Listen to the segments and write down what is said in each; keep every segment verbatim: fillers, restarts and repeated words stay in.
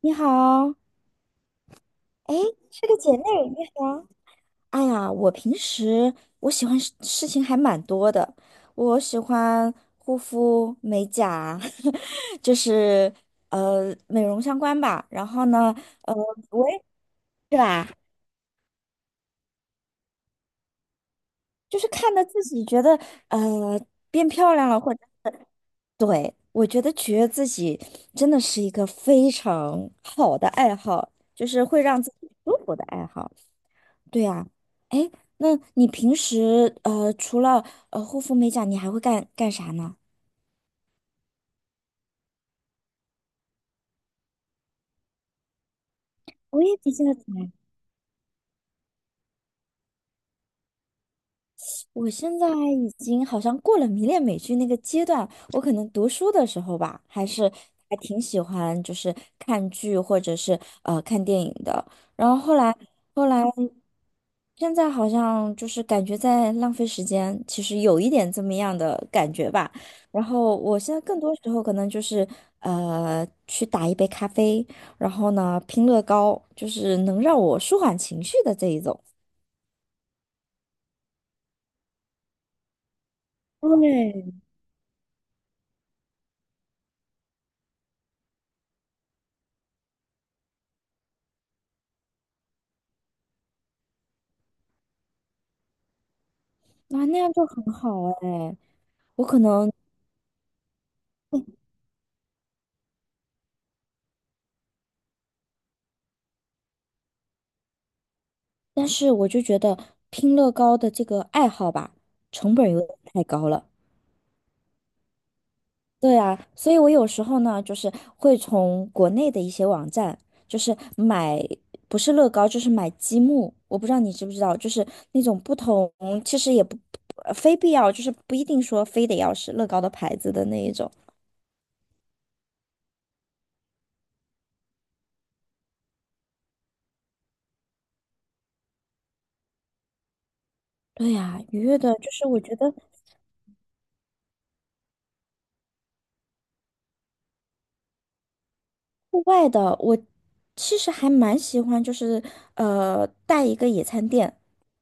你好，哎，是个姐妹，你好。哎呀，我平时我喜欢事事情还蛮多的，我喜欢护肤、美甲，就是呃美容相关吧。然后呢，呃，我也是吧，就是看着自己觉得呃变漂亮了，或者对，我觉得取悦自己真的是一个非常好的爱好，就是会让自己舒服的爱好。对啊，哎，那你平时呃除了呃护肤美甲，你还会干干啥呢？我也比较宅。我现在已经好像过了迷恋美剧那个阶段，我可能读书的时候吧，还是还挺喜欢，就是看剧或者是呃看电影的。然后后来后来，现在好像就是感觉在浪费时间，其实有一点这么样的感觉吧。然后我现在更多时候可能就是呃去打一杯咖啡，然后呢拼乐高，就是能让我舒缓情绪的这一种。对，那那样就很好哎。我可能，但是我就觉得拼乐高的这个爱好吧，成本有点太高了。对啊，所以我有时候呢，就是会从国内的一些网站，就是买，不是乐高，就是买积木。我不知道你知不知道，就是那种不同，其实也不，呃非必要，就是不一定说非得要是乐高的牌子的那一种。对呀，愉悦的，就是我觉得户外的，我其实还蛮喜欢，就是呃，带一个野餐垫。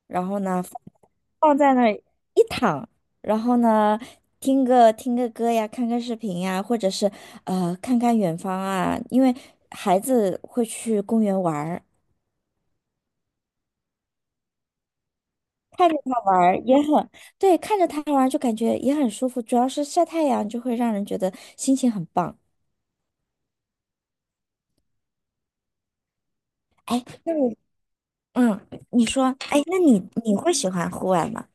然后呢，放在那儿一躺，然后呢，听个听个歌呀，看看视频呀，或者是呃看看远方啊，因为孩子会去公园玩儿，看着他玩儿也很，对，看着他玩儿就感觉也很舒服，主要是晒太阳就会让人觉得心情很棒。哎，那你嗯，你说，哎，那你你会喜欢户外吗？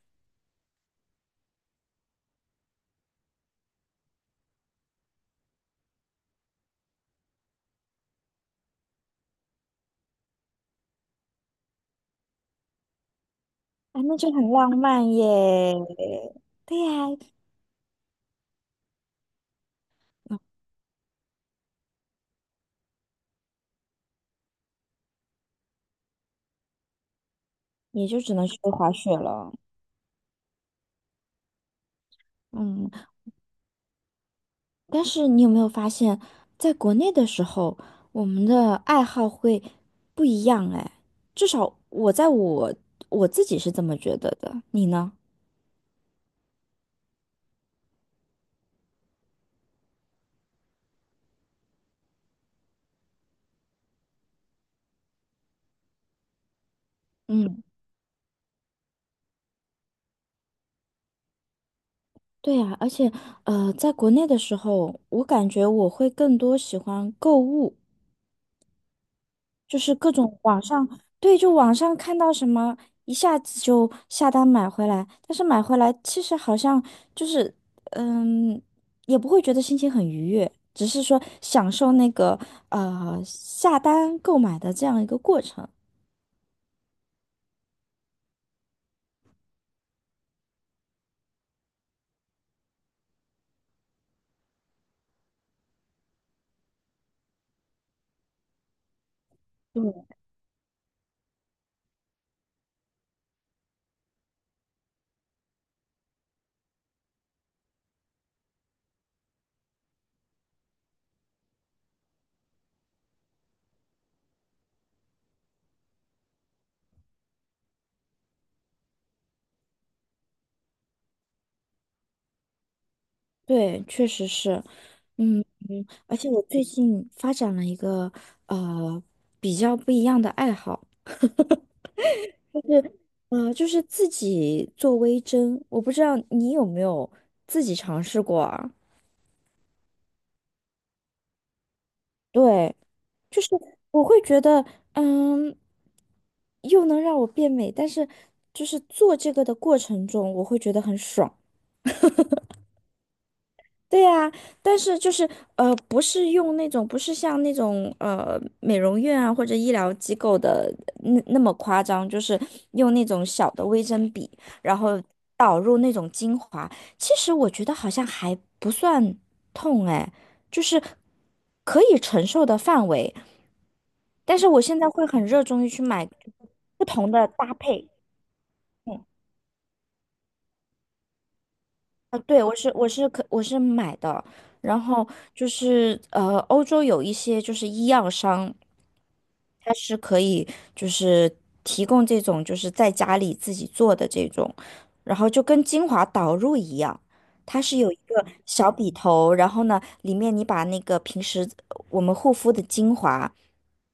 啊，那就很浪漫耶。对呀，嗯也就只能去滑雪了。嗯。但是你有没有发现，在国内的时候，我们的爱好会不一样哎，至少我在我我自己是这么觉得的，你呢？嗯，对呀，而且呃，在国内的时候，我感觉我会更多喜欢购物，就是各种网上，对，就网上看到什么，一下子就下单买回来，但是买回来其实好像就是，嗯，也不会觉得心情很愉悦，只是说享受那个呃下单购买的这样一个过程。对，确实是，嗯，而且我最近发展了一个呃比较不一样的爱好，呃，就是自己做微针，我不知道你有没有自己尝试过啊？对，就是我会觉得，嗯，又能让我变美，但是就是做这个的过程中，我会觉得很爽。对呀，但是就是呃，不是用那种，不是像那种呃美容院啊或者医疗机构的那那么夸张，就是用那种小的微针笔，然后导入那种精华。其实我觉得好像还不算痛哎，就是可以承受的范围。但是我现在会很热衷于去买不同的搭配。嗯，啊，对，我是我是可我是买的，然后就是呃，欧洲有一些就是医药商，它是可以就是提供这种就是在家里自己做的这种，然后就跟精华导入一样。它是有一个小笔头，然后呢，里面你把那个平时我们护肤的精华，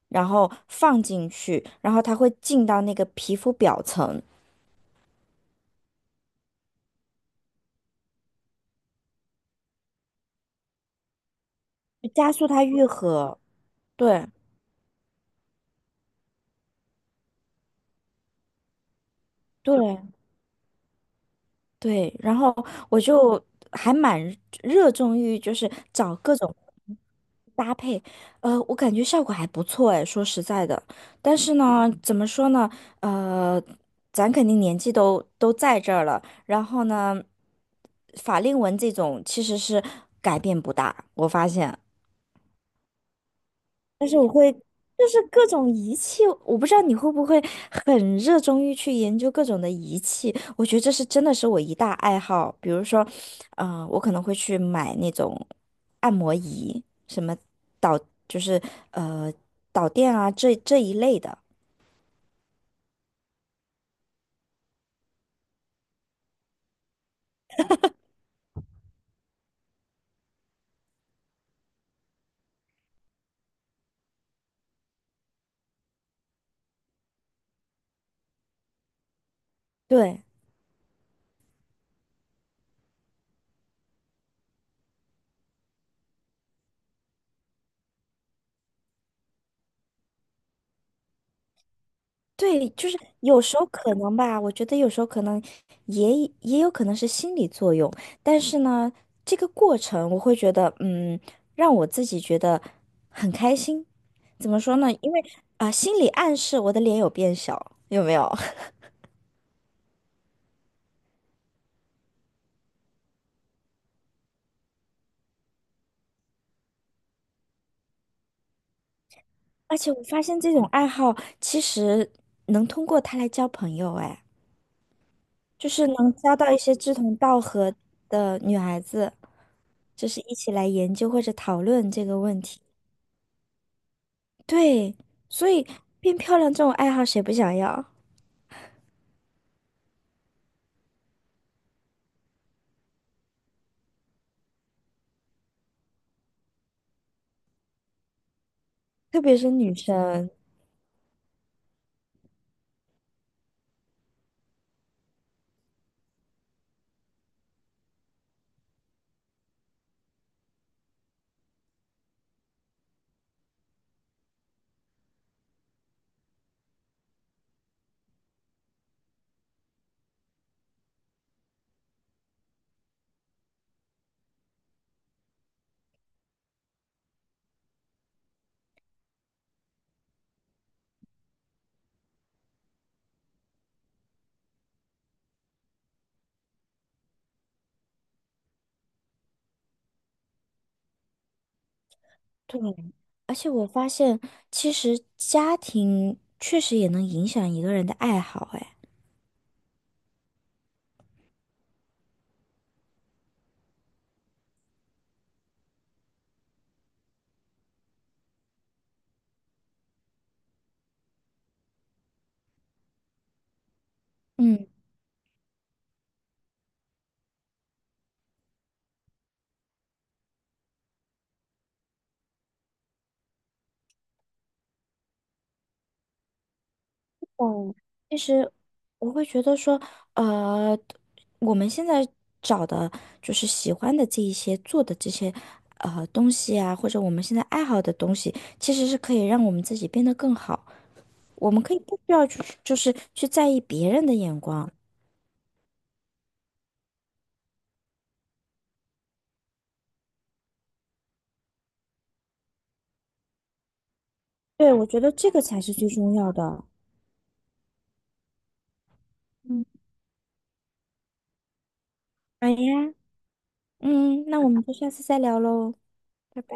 然后放进去，然后它会进到那个皮肤表层，加速它愈合，对对对，然后我就还蛮热衷于就是找各种搭配，呃，我感觉效果还不错哎，说实在的，但是呢，怎么说呢，呃，咱肯定年纪都都在这儿了，然后呢，法令纹这种其实是改变不大，我发现。但是我会就是各种仪器，我不知道你会不会很热衷于去研究各种的仪器。我觉得这是真的是我一大爱好。比如说，呃，我可能会去买那种按摩仪，什么导就是呃导电啊这这一类的。对，对，就是有时候可能吧，我觉得有时候可能也也有可能是心理作用，但是呢，这个过程我会觉得，嗯，让我自己觉得很开心。怎么说呢？因为啊、心理暗示我的脸有变小，有没有？而且我发现这种爱好其实能通过它来交朋友，哎，就是能交到一些志同道合的女孩子，就是一起来研究或者讨论这个问题。对，所以变漂亮这种爱好谁不想要？特别是女生。对，而且我发现，其实家庭确实也能影响一个人的爱好。哎，嗯，嗯其实我会觉得说，呃，我们现在找的就是喜欢的这一些做的这些呃东西啊，或者我们现在爱好的东西，其实是可以让我们自己变得更好。我们可以不需要去就是去在意别人的眼光。对，我觉得这个才是最重要的。嗯，好呀，嗯，那我们就下次再聊喽，拜拜。